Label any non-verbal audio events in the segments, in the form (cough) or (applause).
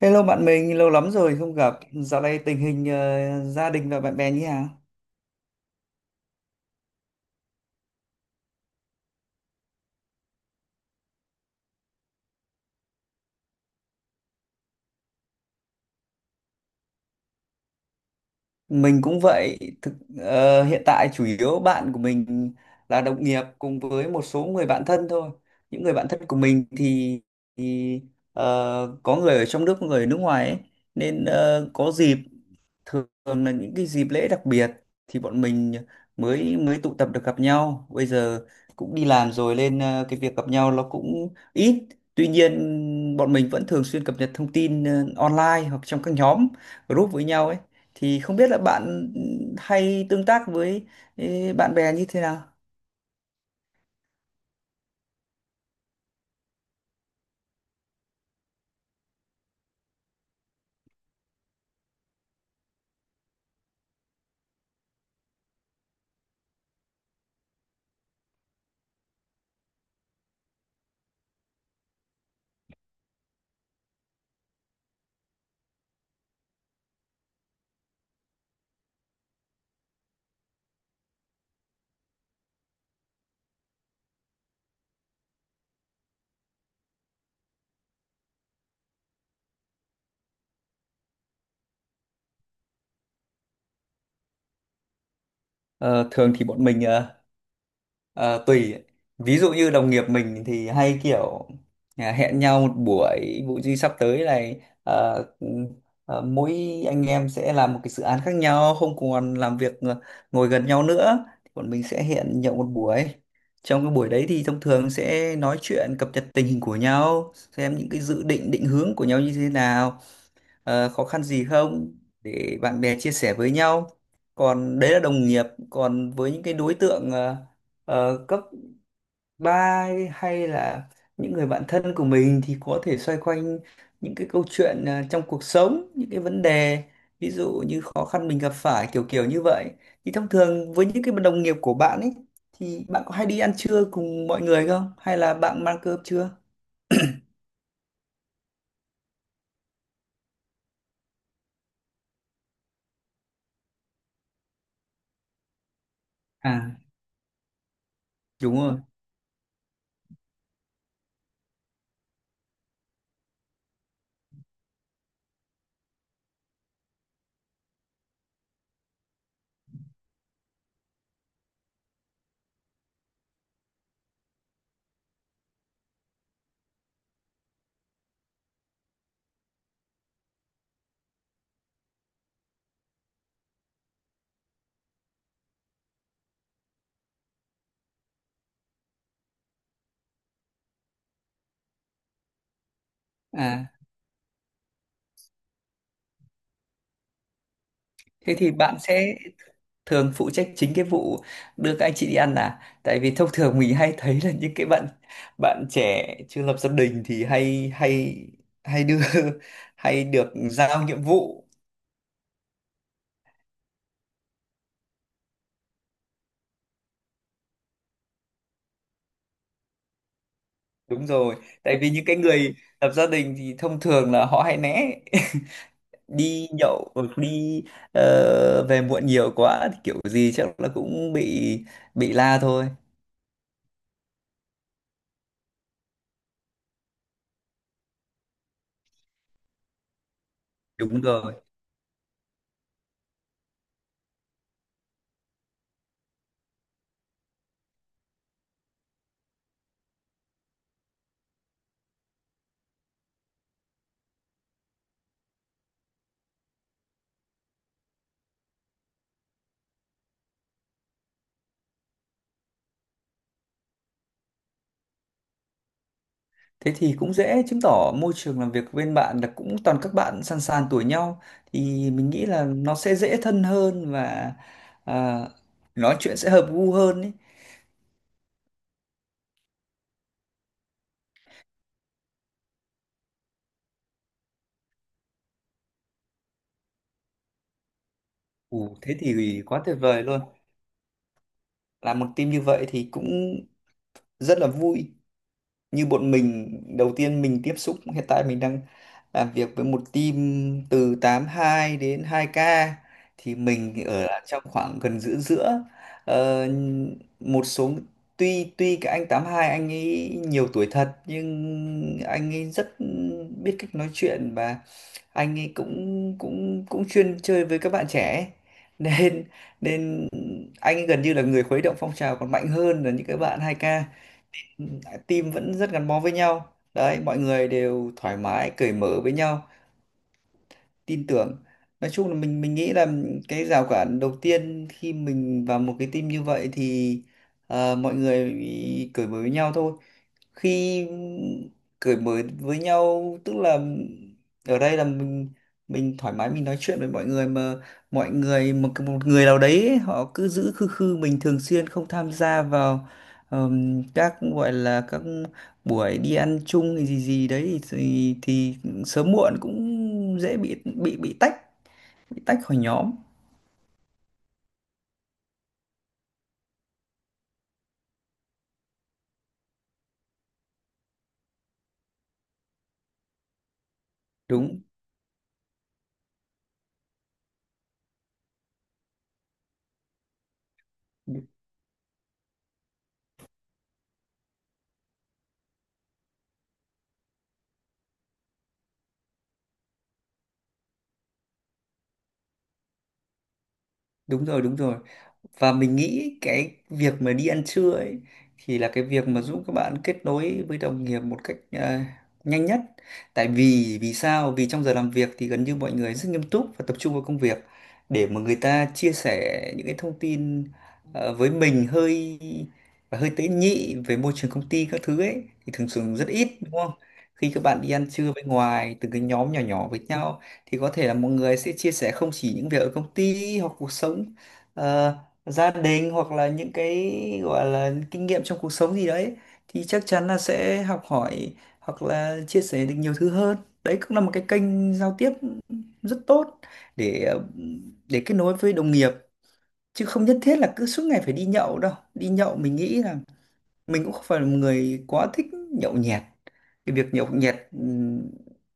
Hello bạn mình, lâu lắm rồi không gặp. Dạo này tình hình gia đình và bạn bè như thế nào? Mình cũng vậy. Hiện tại chủ yếu bạn của mình là đồng nghiệp cùng với một số người bạn thân thôi. Những người bạn thân của mình thì có người ở trong nước, có người ở nước ngoài ấy. Nên có dịp, thường là những cái dịp lễ đặc biệt thì bọn mình mới mới tụ tập được gặp nhau. Bây giờ cũng đi làm rồi nên cái việc gặp nhau nó cũng ít. Tuy nhiên bọn mình vẫn thường xuyên cập nhật thông tin online hoặc trong các nhóm group với nhau ấy. Thì không biết là bạn hay tương tác với bạn bè như thế nào? Ờ, Thường thì bọn mình Ờ, tùy. Ví dụ như đồng nghiệp mình thì hay kiểu hẹn nhau một buổi, vụ gì sắp tới này, mỗi anh em sẽ làm một cái dự án khác nhau, không còn làm việc ngồi gần nhau nữa. Bọn mình sẽ hẹn nhậu một buổi. Trong cái buổi đấy thì thông thường sẽ nói chuyện cập nhật tình hình của nhau, xem những cái dự định, định hướng của nhau như thế nào, khó khăn gì không, để bạn bè chia sẻ với nhau. Còn đấy là đồng nghiệp, còn với những cái đối tượng cấp 3 hay là những người bạn thân của mình thì có thể xoay quanh những cái câu chuyện trong cuộc sống, những cái vấn đề ví dụ như khó khăn mình gặp phải, kiểu kiểu như vậy. Thì thông thường với những cái đồng nghiệp của bạn ấy, thì bạn có hay đi ăn trưa cùng mọi người không, hay là bạn mang cơm chưa? À. Đúng rồi. À, thế thì bạn sẽ thường phụ trách chính cái vụ đưa các anh chị đi ăn à? Tại vì thông thường mình hay thấy là những cái bạn bạn trẻ chưa lập gia đình thì hay hay hay đưa (laughs) hay được giao nhiệm vụ. Đúng rồi. Tại vì những cái người lập gia đình thì thông thường là họ hay né (laughs) đi nhậu, hoặc đi về muộn nhiều quá thì kiểu gì chắc là cũng bị la thôi. Đúng rồi. Thế thì cũng dễ chứng tỏ môi trường làm việc bên bạn là cũng toàn các bạn sàn sàn tuổi nhau, thì mình nghĩ là nó sẽ dễ thân hơn và à, nói chuyện sẽ hợp gu hơn ấy. Ồ, thế thì quá tuyệt vời luôn. Làm một team như vậy thì cũng rất là vui. Như bọn mình đầu tiên mình tiếp xúc, hiện tại mình đang làm việc với một team từ 82 đến 2K, thì mình ở trong khoảng gần giữa giữa. Ờ, một số tuy tuy cái anh 82, anh ấy nhiều tuổi thật nhưng anh ấy rất biết cách nói chuyện, và anh ấy cũng cũng cũng chuyên chơi với các bạn trẻ (laughs) ấy. Nên nên anh ấy gần như là người khuấy động phong trào còn mạnh hơn là những cái bạn 2K. Team vẫn rất gắn bó với nhau đấy, mọi người đều thoải mái cởi mở với nhau, tin tưởng. Nói chung là mình nghĩ là cái rào cản đầu tiên khi mình vào một cái team như vậy thì mọi người cởi mở với nhau thôi. Khi cởi mở với nhau tức là ở đây là mình thoải mái, mình nói chuyện với mọi người, mà mọi người một một người nào đấy ấy, họ cứ giữ khư khư, mình thường xuyên không tham gia vào các gọi là các buổi đi ăn chung thì gì gì đấy thì sớm muộn cũng dễ bị tách khỏi nhóm. Đúng đúng rồi đúng rồi. Và mình nghĩ cái việc mà đi ăn trưa ấy thì là cái việc mà giúp các bạn kết nối với đồng nghiệp một cách nhanh nhất. Tại vì vì sao? Vì trong giờ làm việc thì gần như mọi người rất nghiêm túc và tập trung vào công việc, để mà người ta chia sẻ những cái thông tin ờ, với mình hơi và hơi tế nhị về môi trường công ty các thứ ấy thì thường thường rất ít, đúng không? Khi các bạn đi ăn trưa bên ngoài từng cái nhóm nhỏ nhỏ với nhau thì có thể là mọi người sẽ chia sẻ không chỉ những việc ở công ty, hoặc cuộc sống ờ, gia đình, hoặc là những cái gọi là kinh nghiệm trong cuộc sống gì đấy, thì chắc chắn là sẽ học hỏi hoặc là chia sẻ được nhiều thứ hơn. Đấy cũng là một cái kênh giao tiếp rất tốt để để kết nối với đồng nghiệp. Chứ không nhất thiết là cứ suốt ngày phải đi nhậu đâu. Đi nhậu, mình nghĩ là mình cũng không phải là một người quá thích nhậu nhẹt. Cái việc nhậu nhẹt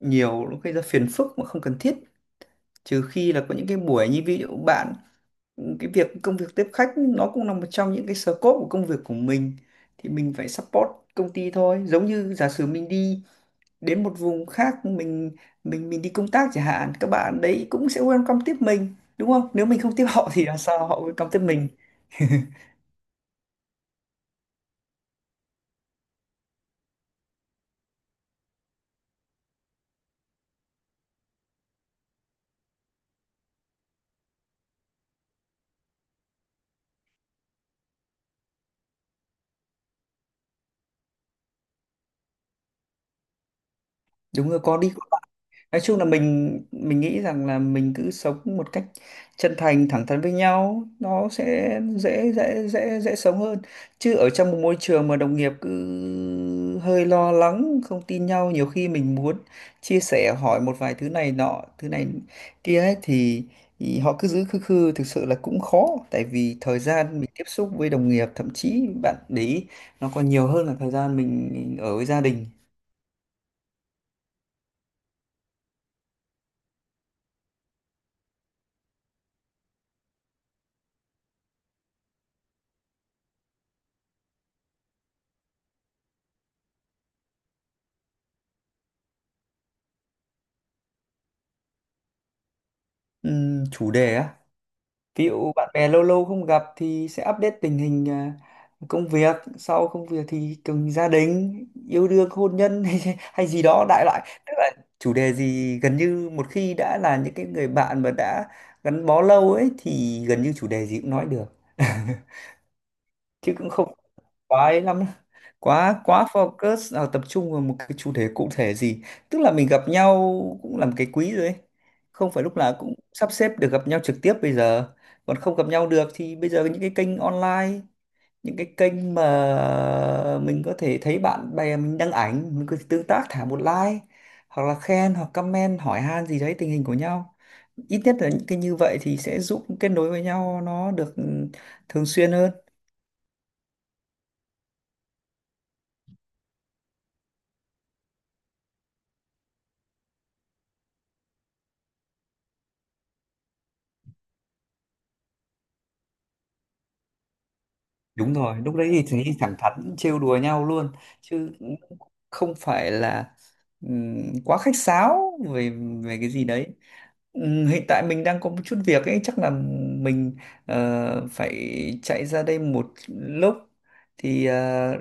nhiều nó gây ra phiền phức mà không cần thiết. Trừ khi là có những cái buổi như ví dụ bạn, cái việc công việc tiếp khách nó cũng là một trong những cái scope của công việc của mình, thì mình phải support công ty thôi. Giống như giả sử mình đi đến một vùng khác, mình đi công tác chẳng hạn, các bạn đấy cũng sẽ welcome tiếp mình đúng không? Nếu mình không tiếp họ thì làm sao họ welcome tiếp mình? Đúng rồi, có đi. Nói chung là mình nghĩ rằng là mình cứ sống một cách chân thành thẳng thắn với nhau, nó sẽ dễ dễ dễ dễ sống hơn. Chứ ở trong một môi trường mà đồng nghiệp cứ hơi lo lắng, không tin nhau, nhiều khi mình muốn chia sẻ hỏi một vài thứ này nọ thứ này kia ấy, thì họ cứ giữ khư khư, thực sự là cũng khó. Tại vì thời gian mình tiếp xúc với đồng nghiệp, thậm chí bạn để ý, nó còn nhiều hơn là thời gian mình ở với gia đình. Chủ đề á? Ví dụ bạn bè lâu lâu không gặp thì sẽ update tình hình, công việc. Sau công việc thì cùng gia đình, yêu đương hôn nhân (laughs) hay, hay gì đó đại loại. Tức là chủ đề gì, gần như một khi đã là những cái người bạn mà đã gắn bó lâu ấy thì gần như chủ đề gì cũng nói được. (laughs) Chứ cũng không quá ấy lắm, quá quá focus vào, tập trung vào một cái chủ đề cụ thể gì. Tức là mình gặp nhau cũng làm cái quý rồi ấy, không phải lúc nào cũng sắp xếp được gặp nhau trực tiếp. Bây giờ còn không gặp nhau được thì bây giờ những cái kênh online, những cái kênh mà mình có thể thấy bạn bè mình đăng ảnh, mình có thể tương tác, thả một like, hoặc là khen, hoặc comment hỏi han gì đấy tình hình của nhau, ít nhất là những cái như vậy thì sẽ giúp kết nối với nhau nó được thường xuyên hơn. Đúng rồi, lúc đấy thì thẳng thắn trêu đùa nhau luôn. Chứ không phải là ừm, quá khách sáo về về cái gì đấy. Hiện tại mình đang có một chút việc ấy, chắc là mình phải chạy ra đây một lúc. Thì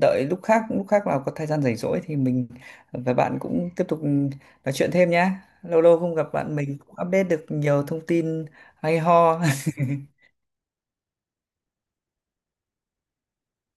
đợi lúc khác nào có thời gian rảnh rỗi thì mình và bạn cũng tiếp tục nói chuyện thêm nhá. Lâu lâu không gặp bạn mình cũng update được nhiều thông tin hay ho. (laughs)